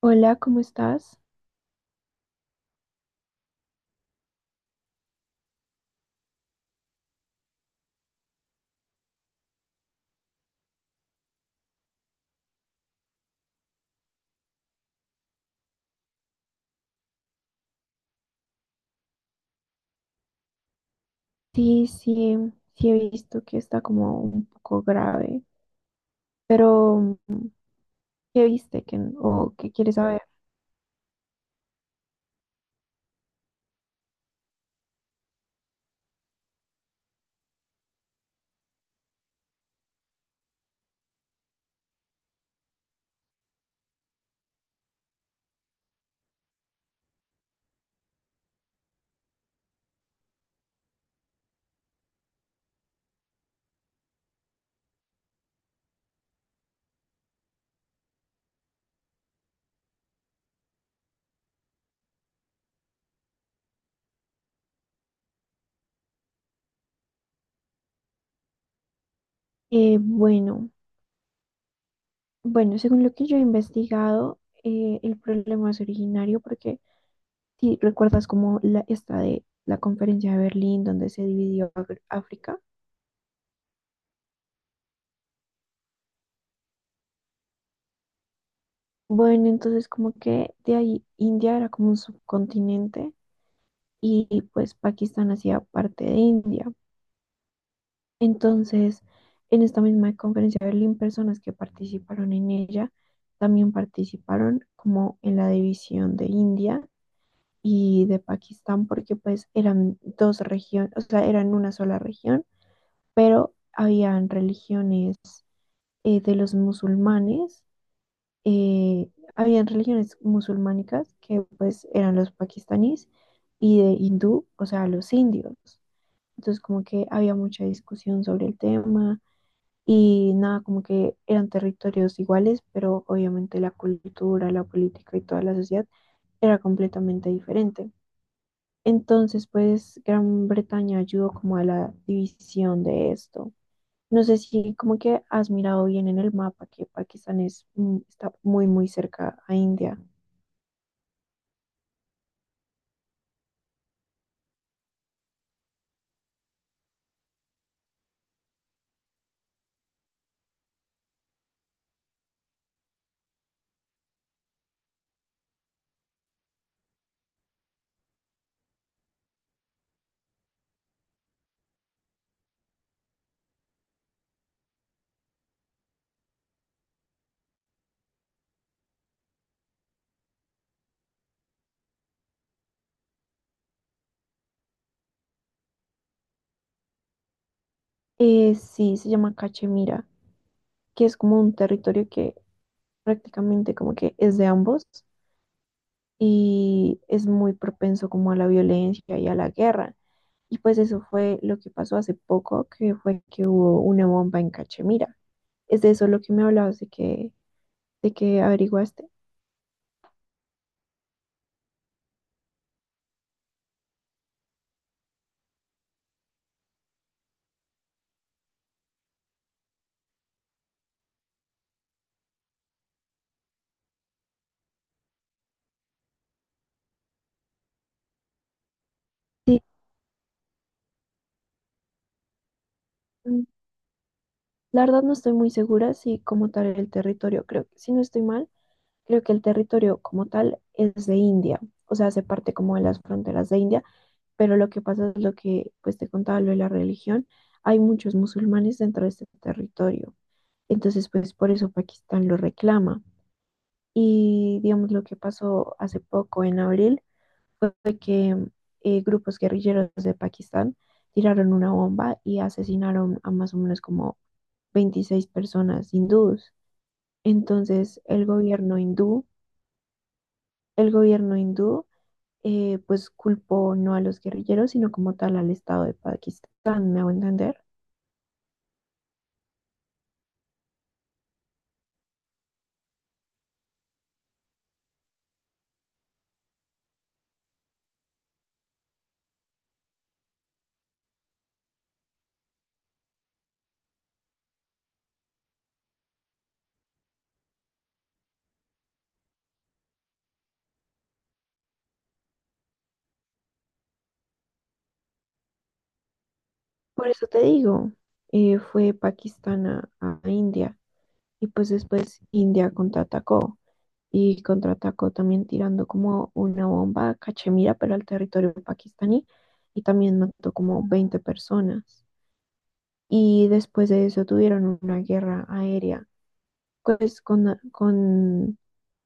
Hola, ¿cómo estás? Sí, sí, sí he visto que está como un poco grave, pero ¿qué viste o qué quieres saber? Eh, bueno, bueno, según lo que yo he investigado, el problema es originario porque si recuerdas como esta de la conferencia de Berlín donde se dividió África. Bueno, entonces como que de ahí India era como un subcontinente y pues Pakistán hacía parte de India. Entonces, en esta misma conferencia de Berlín, personas que participaron en ella también participaron como en la división de India y de Pakistán, porque pues eran dos regiones, o sea, eran una sola región, pero habían religiones de los musulmanes, eh, habían religiones musulmánicas que pues eran los pakistaníes y de hindú, o sea, los indios. Entonces, como que había mucha discusión sobre el tema y nada, como que eran territorios iguales, pero obviamente la cultura, la política y toda la sociedad era completamente diferente. Entonces, pues Gran Bretaña ayudó como a la división de esto. No sé si como que has mirado bien en el mapa que Pakistán es, está muy, muy cerca a India. Sí, se llama Cachemira, que es como un territorio que prácticamente como que es de ambos y es muy propenso como a la violencia y a la guerra. Y pues eso fue lo que pasó hace poco, que fue que hubo una bomba en Cachemira. ¿Es de eso lo que me hablabas de que averiguaste? Sí, mm, la verdad no estoy muy segura si como tal el territorio, creo que si no estoy mal, creo que el territorio como tal es de India, o sea, hace parte como de las fronteras de India, pero lo que pasa es lo que pues te contaba lo de la religión, hay muchos musulmanes dentro de este territorio, entonces pues por eso Pakistán lo reclama. Y digamos lo que pasó hace poco en abril fue que grupos guerrilleros de Pakistán tiraron una bomba y asesinaron a más o menos como 26 personas hindúes. Entonces el gobierno hindú pues culpó no a los guerrilleros, sino como tal al Estado de Pakistán, ¿me hago entender? Por eso te digo, fue Pakistán a India y pues después India contraatacó. Y contraatacó también tirando como una bomba a Cachemira, pero al territorio pakistaní, y también mató como 20 personas. Y después de eso tuvieron una guerra aérea, pues con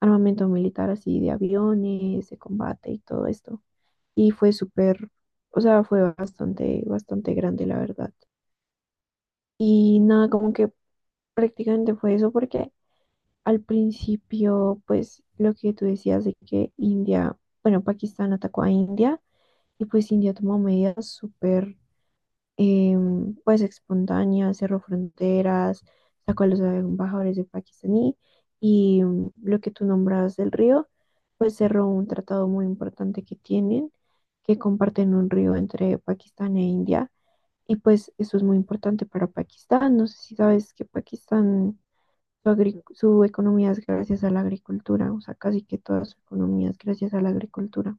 armamento militar así de aviones, de combate y todo esto. Y fue súper, o sea, fue bastante, bastante grande, la verdad. Y nada, como que prácticamente fue eso porque al principio, pues lo que tú decías de que India, bueno, Pakistán atacó a India y pues India tomó medidas súper, pues espontáneas, cerró fronteras, sacó a los embajadores de pakistaní y lo que tú nombrabas del río, pues cerró un tratado muy importante que tienen, que comparten un río entre Pakistán e India y pues eso es muy importante para Pakistán. No sé si sabes que Pakistán su, su economía es gracias a la agricultura, o sea, casi que toda su economía es gracias a la agricultura.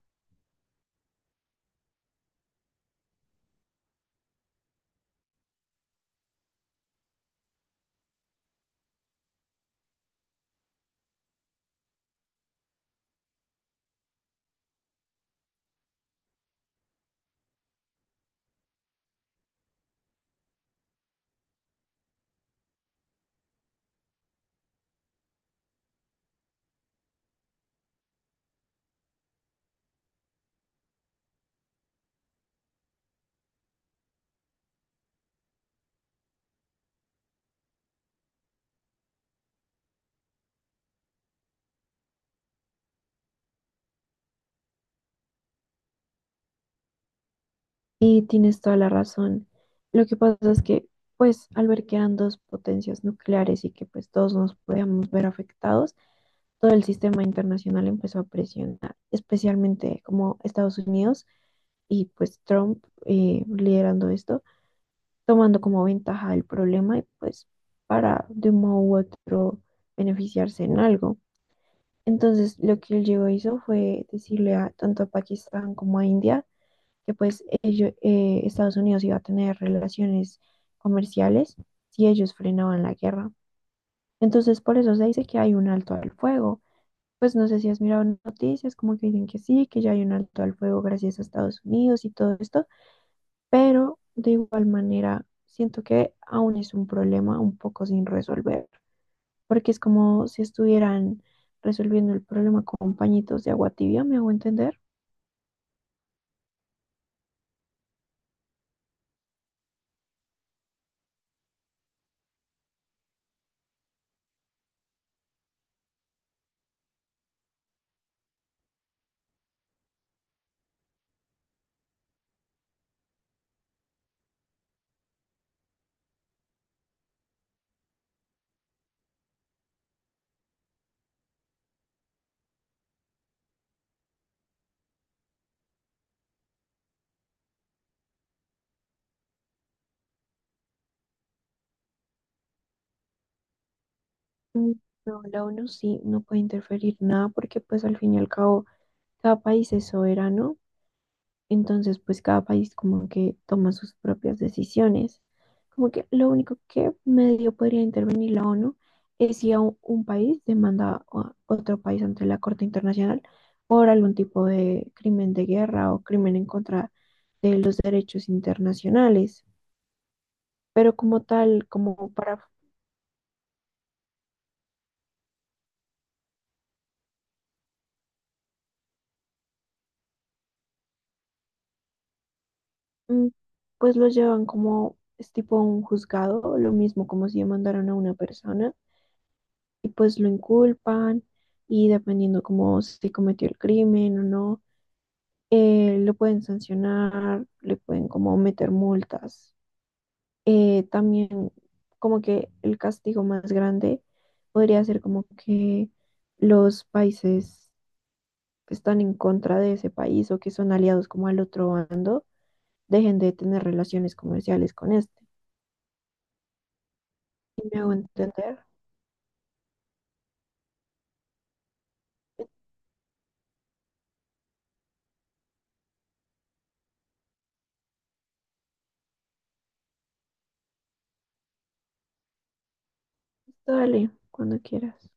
Y tienes toda la razón. Lo que pasa es que, pues, al ver que eran dos potencias nucleares y que, pues, todos nos podíamos ver afectados, todo el sistema internacional empezó a presionar, especialmente como Estados Unidos y, pues, Trump liderando esto, tomando como ventaja el problema y, pues, para de un modo u otro beneficiarse en algo. Entonces, lo que el Diego hizo fue decirle a, tanto a Pakistán como a India que pues Estados Unidos iba a tener relaciones comerciales si ellos frenaban la guerra. Entonces, por eso se dice que hay un alto al fuego. Pues no sé si has mirado noticias, como que dicen que sí, que ya hay un alto al fuego gracias a Estados Unidos y todo esto, pero de igual manera siento que aún es un problema un poco sin resolver porque es como si estuvieran resolviendo el problema con pañitos de agua tibia, ¿me hago entender? Mm, No, la ONU sí no puede interferir nada porque pues al fin y al cabo cada país es soberano, entonces pues cada país como que toma sus propias decisiones. Como que lo único que medio podría intervenir la ONU es si a un país demanda a otro país ante la Corte Internacional por algún tipo de crimen de guerra o crimen en contra de los derechos internacionales. Pero como tal, como para, mm, pues los llevan como, es tipo a un juzgado, lo mismo como si mandaron a una persona y pues lo inculpan y dependiendo como si cometió el crimen o no, lo pueden sancionar, le pueden como meter multas. También como que el castigo más grande podría ser como que los países están en contra de ese país o que son aliados como al otro bando dejen de tener relaciones comerciales con este. Y me hago entender. Entonces, dale, cuando quieras.